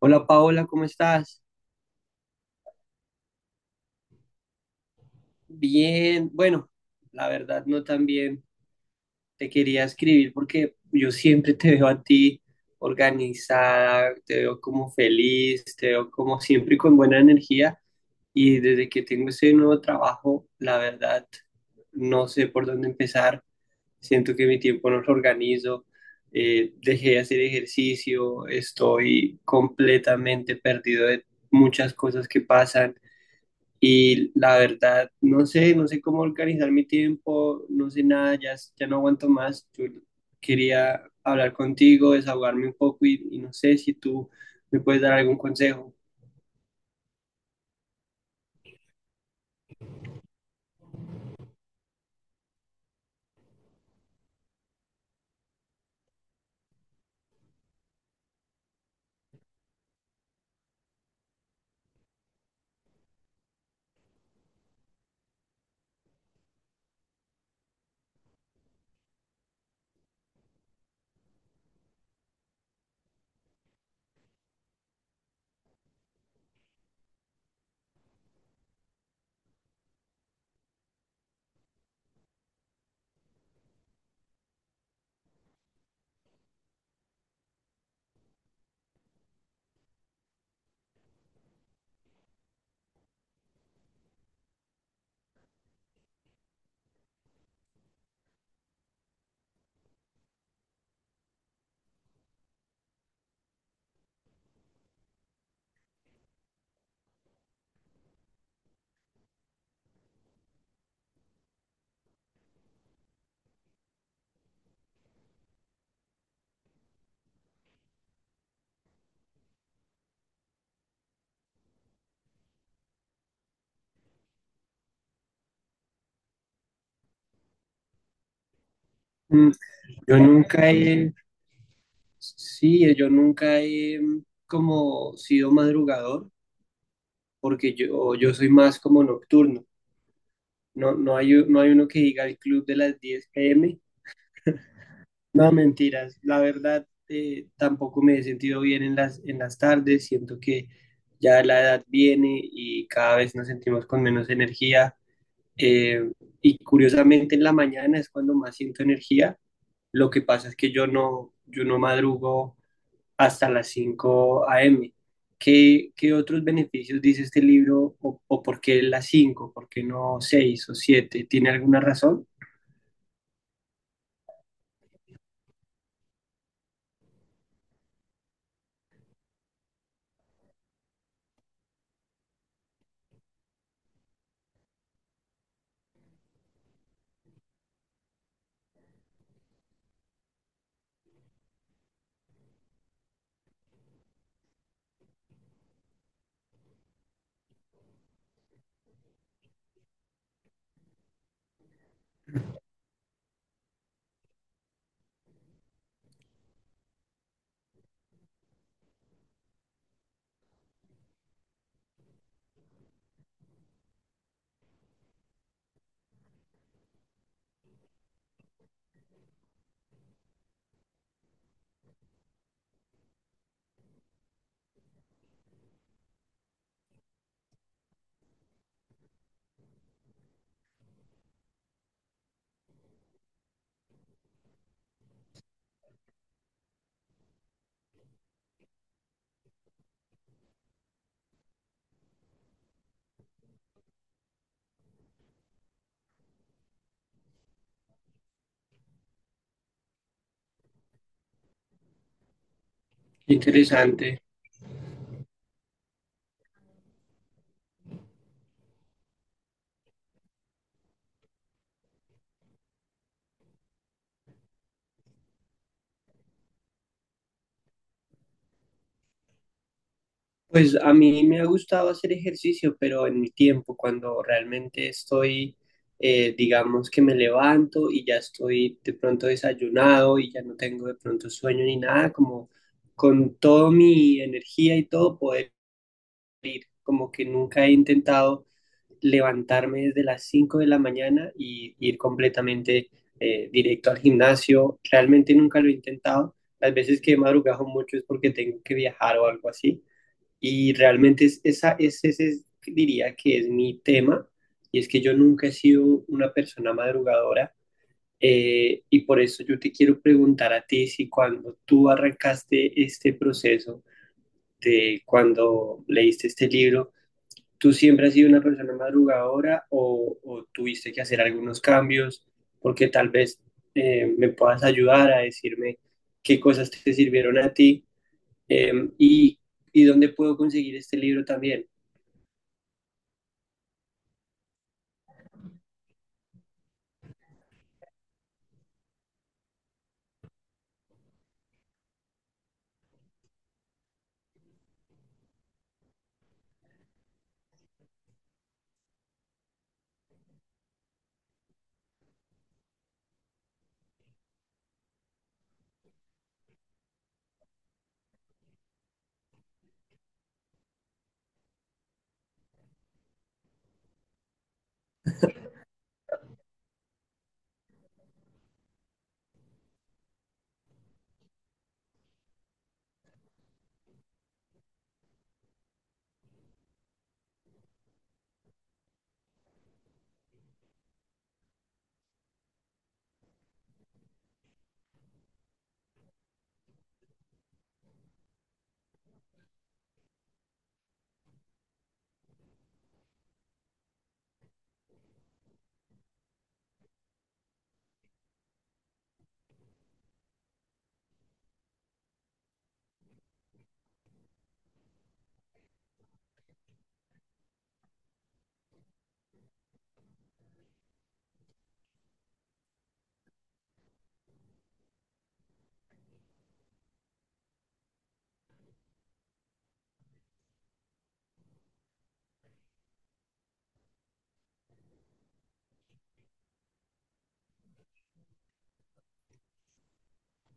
Hola Paola, ¿cómo estás? Bien, bueno, la verdad no tan bien. Te quería escribir porque yo siempre te veo a ti organizada, te veo como feliz, te veo como siempre con buena energía y desde que tengo ese nuevo trabajo, la verdad no sé por dónde empezar. Siento que mi tiempo no lo organizo, dejé de hacer ejercicio, estoy completamente perdido de muchas cosas que pasan. Y la verdad, no sé, no sé cómo organizar mi tiempo, no sé nada, ya, ya no aguanto más. Yo quería hablar contigo, desahogarme un poco y no sé si tú me puedes dar algún consejo. Mm, yo nunca he, sí, yo nunca he como sido madrugador, porque yo soy más como nocturno. No hay uno que diga el club de las 10 p.m. No, mentiras. La verdad, tampoco me he sentido bien en las tardes. Siento que ya la edad viene y cada vez nos sentimos con menos energía. Eh, y curiosamente en la mañana es cuando más siento energía. Lo que pasa es que yo no madrugo hasta las 5 a.m. ¿Qué, qué otros beneficios dice este libro o por qué las 5? ¿Por qué no 6 o 7? ¿Tiene alguna razón? Interesante. Pues a mí me ha gustado hacer ejercicio, pero en mi tiempo, cuando realmente estoy, digamos que me levanto y ya estoy de pronto desayunado y ya no tengo de pronto sueño ni nada, como con toda mi energía y todo poder ir, como que nunca he intentado levantarme desde las 5 de la mañana y ir completamente directo al gimnasio, realmente nunca lo he intentado, las veces que he madrugado mucho es porque tengo que viajar o algo así y realmente es, esa, es, ese es- diría que es mi tema, y es que yo nunca he sido una persona madrugadora, y por eso yo te quiero preguntar a ti si cuando tú arrancaste este proceso de cuando leíste este libro, ¿tú siempre has sido una persona madrugadora o tuviste que hacer algunos cambios? Porque tal vez me puedas ayudar a decirme qué cosas te sirvieron a ti, eh, y, y dónde puedo conseguir este libro también.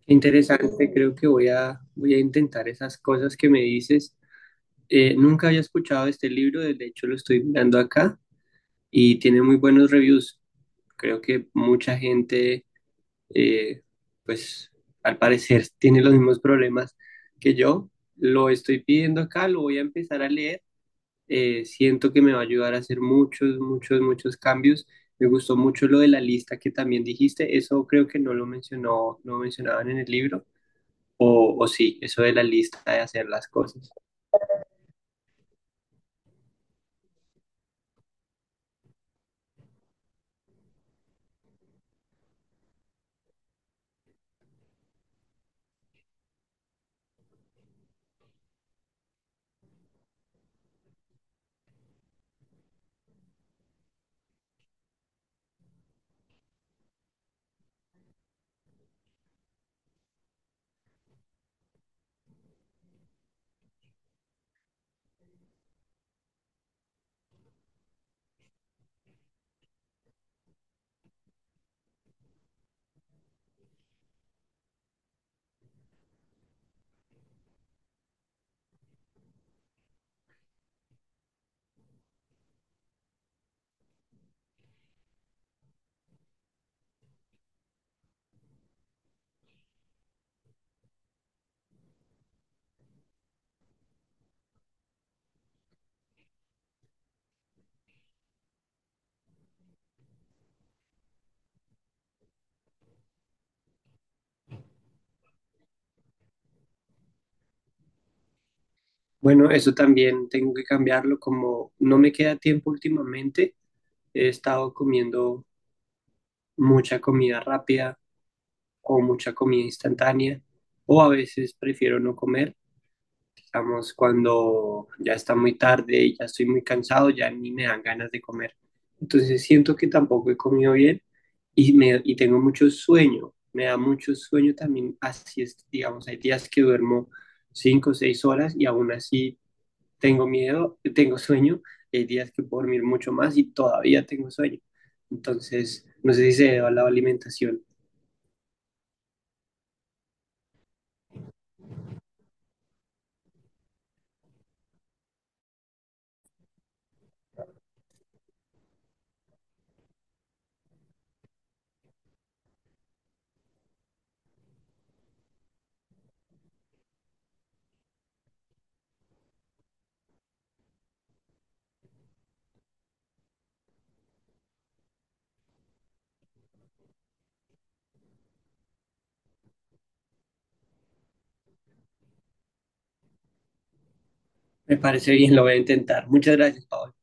Qué interesante, creo que voy a intentar esas cosas que me dices. Nunca había escuchado este libro, de hecho lo estoy mirando acá y tiene muy buenos reviews. Creo que mucha gente, eh, pues al parecer, tiene los mismos problemas que yo. Lo estoy pidiendo acá, lo voy a empezar a leer. Siento que me va a ayudar a hacer muchos cambios. Me gustó mucho lo de la lista que también dijiste. Eso creo que no mencionaban en el libro o sí, eso de la lista de hacer las cosas. Bueno, eso también tengo que cambiarlo, como no me queda tiempo últimamente, he estado comiendo mucha comida rápida o mucha comida instantánea, o a veces prefiero no comer. Digamos, cuando ya está muy tarde y ya estoy muy cansado, ya ni me dan ganas de comer. Entonces siento que tampoco he comido bien y tengo mucho sueño. Me da mucho sueño también, así es, digamos, hay días que duermo cinco o seis horas y aún así tengo miedo, tengo sueño, hay días que puedo dormir mucho más y todavía tengo sueño. Entonces, no sé si se debe a la alimentación. Me parece bien, lo voy a intentar. Muchas gracias, Pablo.